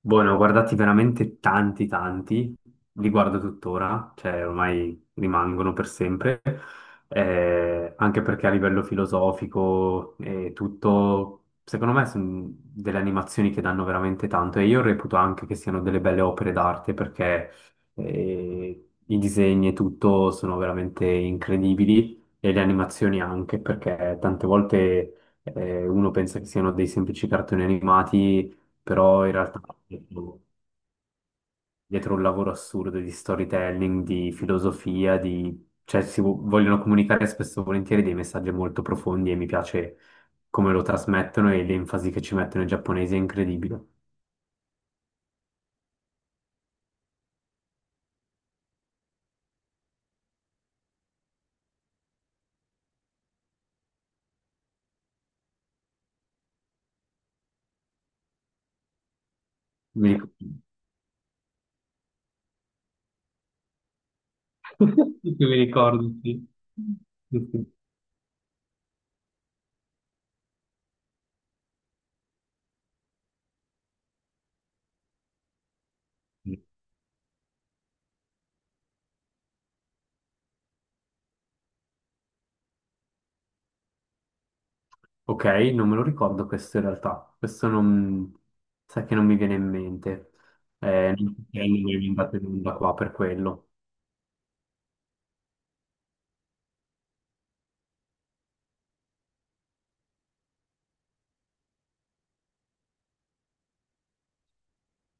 Boh, ne ho guardati veramente tanti, tanti, li guardo tuttora, cioè ormai rimangono per sempre, anche perché a livello filosofico e tutto, secondo me sono delle animazioni che danno veramente tanto e io reputo anche che siano delle belle opere d'arte perché i disegni e tutto sono veramente incredibili e le animazioni anche perché tante volte uno pensa che siano dei semplici cartoni animati però in realtà dietro un lavoro assurdo di storytelling, di filosofia, di... cioè vogliono comunicare spesso e volentieri dei messaggi molto profondi e mi piace come lo trasmettono e l'enfasi che ci mettono i giapponesi è incredibile. Mi ric- Sì, sì, mi ricordo, sì. Sì, sì, sì. Ok, non me lo ricordo questo in realtà, questo non... sai che non mi viene in mente, non mi è andato in onda qua per quello.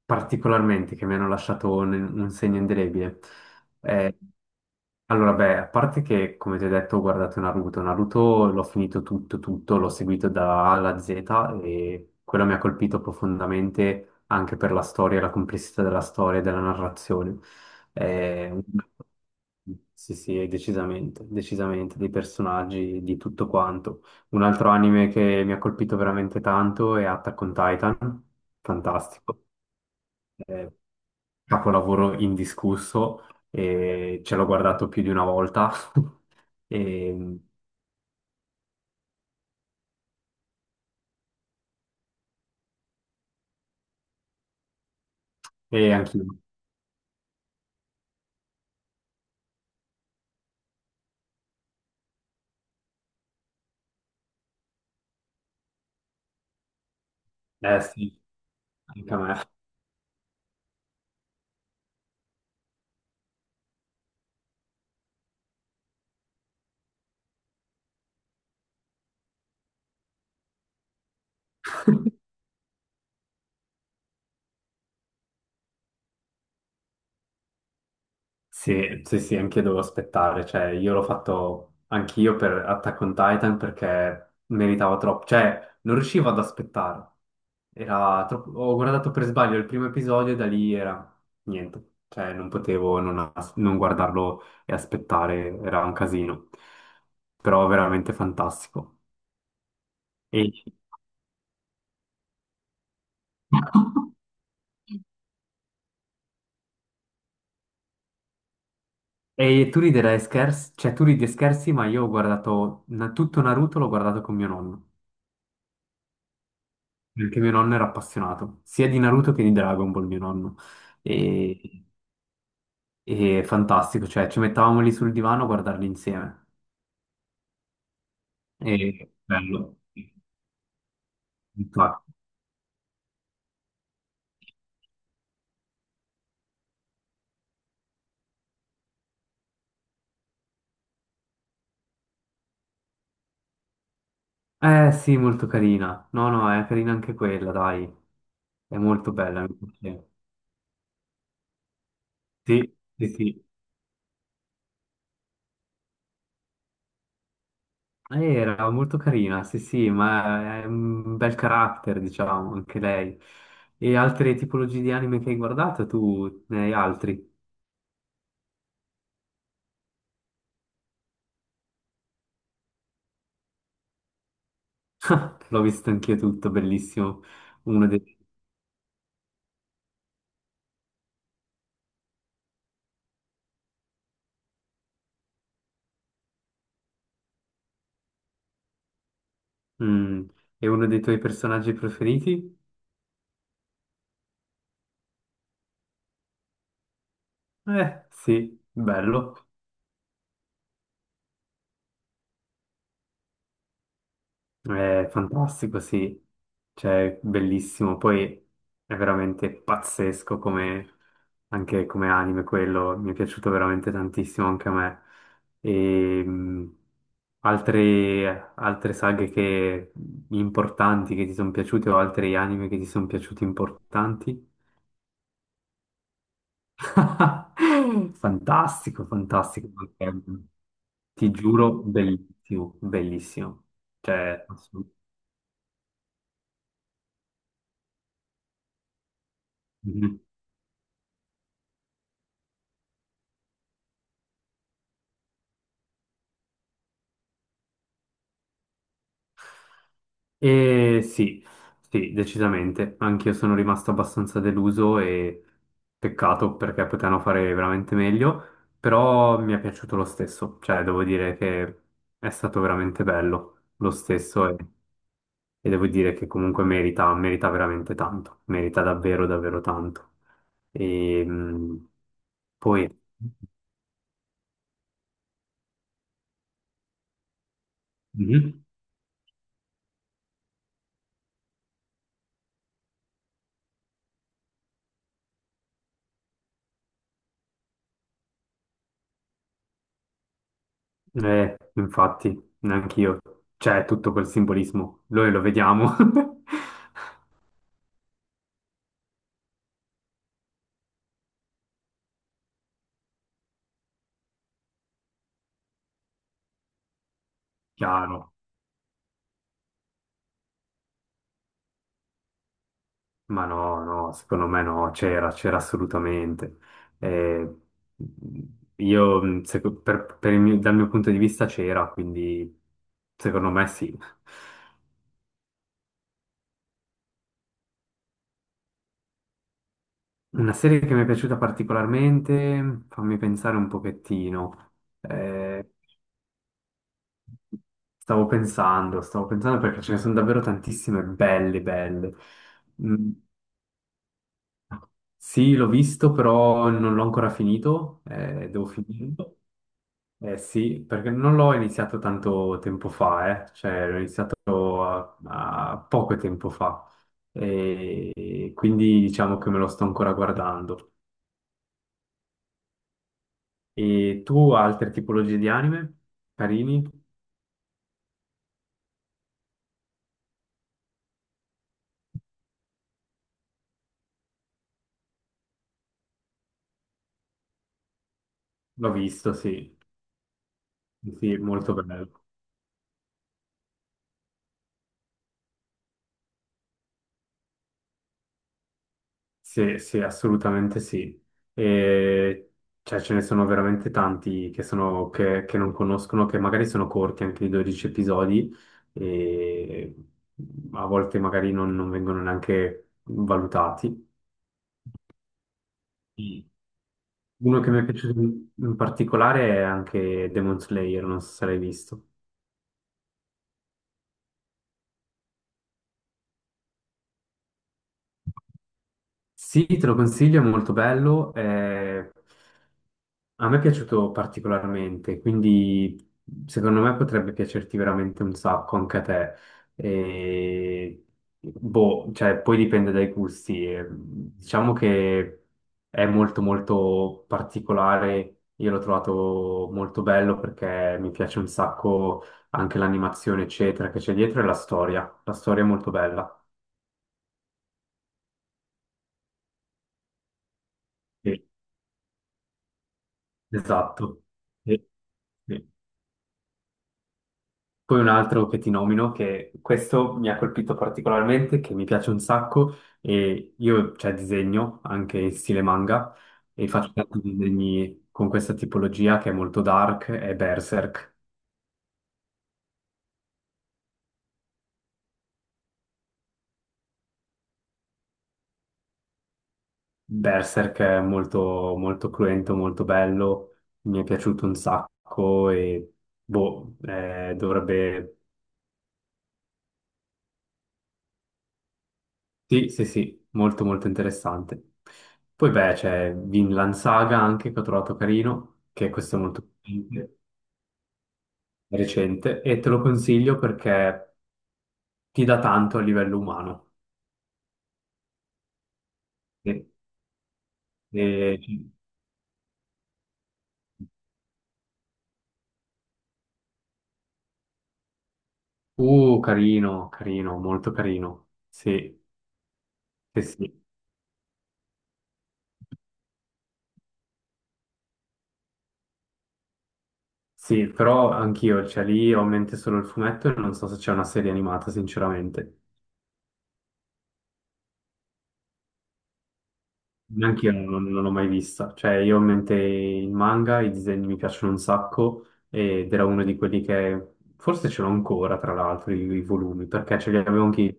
Particolarmente che mi hanno lasciato un segno indelebile. Mm. Allora, beh, a parte che, come ti ho detto, ho guardato Naruto. Naruto l'ho finito tutto, tutto, l'ho seguito da A alla Z e quello mi ha colpito profondamente anche per la storia, la complessità della storia e della narrazione. Eh, sì, sì, decisamente, decisamente, dei personaggi, di tutto quanto. Un altro anime che mi ha colpito veramente tanto è Attack on Titan, fantastico, eh, capolavoro indiscusso, e ce l'ho guardato più di una volta e, e anch'io. Eh sì, anche a me. Sì, sì, sì, anch'io devo aspettare, cioè io l'ho fatto anch'io per Attack on Titan perché meritava troppo, cioè non riuscivo ad aspettare, era troppo... ho guardato per sbaglio il primo episodio e da lì era niente, cioè non potevo non, as- non guardarlo e aspettare, era un casino, però veramente fantastico. E, e tu riderai scherzi, cioè tu ridi e scherzi, ma io ho guardato tutto Naruto, l'ho guardato con mio nonno. Perché mio nonno era appassionato sia di Naruto che di Dragon Ball, mio nonno. E, e fantastico, cioè ci mettavamo lì sul divano a guardarli insieme. E bello. Infatti. Eh sì, molto carina. No, no, è carina anche quella, dai. È molto bella. Mi piace. Sì, sì, sì. Era molto carina, sì, sì, ma è un bel carattere, diciamo, anche lei. E altre tipologie di anime che hai guardato, tu ne hai altri? L'ho visto anch'io tutto, bellissimo. Uno dei... Mm. E uno dei tuoi personaggi preferiti? Sì, bello. È fantastico, sì. Cioè, bellissimo. Poi è veramente pazzesco come... anche come anime quello. Mi è piaciuto veramente tantissimo anche a me. E... mm, Altre importanti che ti sono piaciute o altri anime che ti sono piaciuti importanti? Fantastico, fantastico. Ti giuro, bellissimo, bellissimo. Cioè, assolutamente. E sì, sì, decisamente. Anch'io sono rimasto abbastanza deluso e peccato perché potevano fare veramente meglio, però mi è piaciuto lo stesso. Cioè, devo dire che è stato veramente bello lo stesso e devo dire che comunque merita, merita veramente tanto, merita davvero, davvero tanto. E poi... Mhm. Infatti, neanche io. C'è tutto quel simbolismo, noi lo vediamo. Chiaro, ma no, no, secondo me no, c'era, c'era assolutamente. Eh, io, dal mio punto di vista c'era, quindi secondo me sì. Una serie che mi è piaciuta particolarmente, fammi pensare un pochettino. Eh, stavo pensando perché ce ne sono davvero tantissime belle, belle. Mm, sì, l'ho visto, però non l'ho ancora finito, devo finirlo. Eh sì, perché non l'ho iniziato tanto tempo fa, eh. Cioè a poco tempo fa e quindi diciamo che me lo sto ancora guardando. E tu altre tipologie di anime? Carini? L'ho visto, sì, sì, molto bello. Sì, sì, assolutamente sì. E, cioè, ce ne sono veramente tanti che, sono, che non conoscono, che magari sono corti anche di 12 episodi e a volte magari non vengono neanche valutati. Mm. Uno che mi è piaciuto in particolare è anche Demon Slayer, non so se l'hai visto. Sì, te lo consiglio, è molto bello. Eh, a me è piaciuto particolarmente, quindi secondo me potrebbe piacerti veramente un sacco anche a te. E, boh, cioè, poi dipende dai gusti. E, diciamo che è molto molto particolare. Io l'ho trovato molto bello perché mi piace un sacco anche l'animazione, eccetera, che c'è dietro e la storia. La storia è molto bella. Sì, esatto. Sì, sì. Poi un altro che ti nomino, che questo mi ha colpito particolarmente, che mi piace un sacco, e io, cioè, disegno anche in stile manga, e faccio tanti disegni con questa tipologia che è molto dark, è Berserk. Berserk è molto, molto cruento, molto bello, mi è piaciuto un sacco, e boh, dovrebbe... Sì, sì, sì, molto, molto interessante. Poi beh, c'è Vinland Saga anche, che ho trovato carino, che questo è molto... recente e te lo consiglio perché ti dà tanto a livello umano. E- e- carino, carino, molto carino. Sì, sì, sì. Sì, però anch'io, cioè lì ho in mente solo il fumetto e non so se c'è una serie animata, sinceramente. Neanche io non, non l'ho mai vista. Cioè, io ho in mente il manga, i disegni mi piacciono un sacco ed era uno di quelli che forse ce l'ho ancora, tra l'altro, i volumi, perché ce li avevo anche io.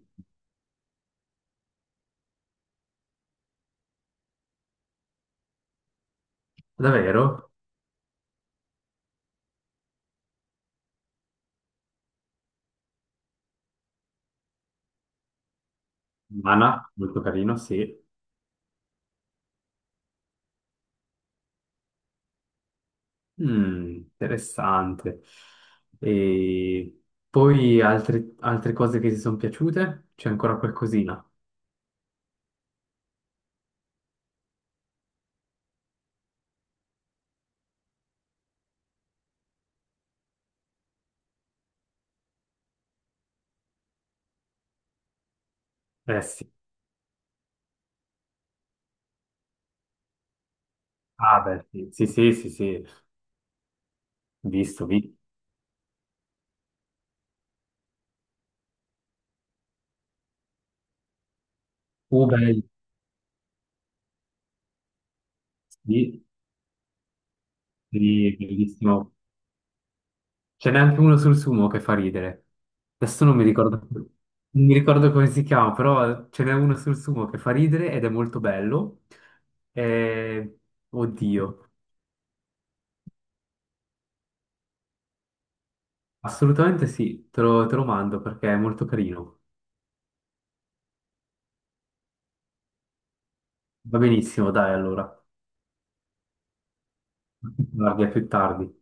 Davvero? Mana, molto carino, sì. Mm, interessante. E poi altre cose che ti sono piaciute? C'è ancora qualcosina? Eh sì. Ah, beh, sì, sì, sì, sì, sì. Visto, visto. Uber, sì, sì, bellissimo. Ce n'è anche uno sul sumo che fa ridere. Adesso non mi ricordo, non mi ricordo come si chiama, però ce n'è uno sul sumo che fa ridere ed è molto bello. Eh, oddio, assolutamente sì, te lo mando perché è molto carino. Va benissimo, dai, allora. A più tardi, a più tardi.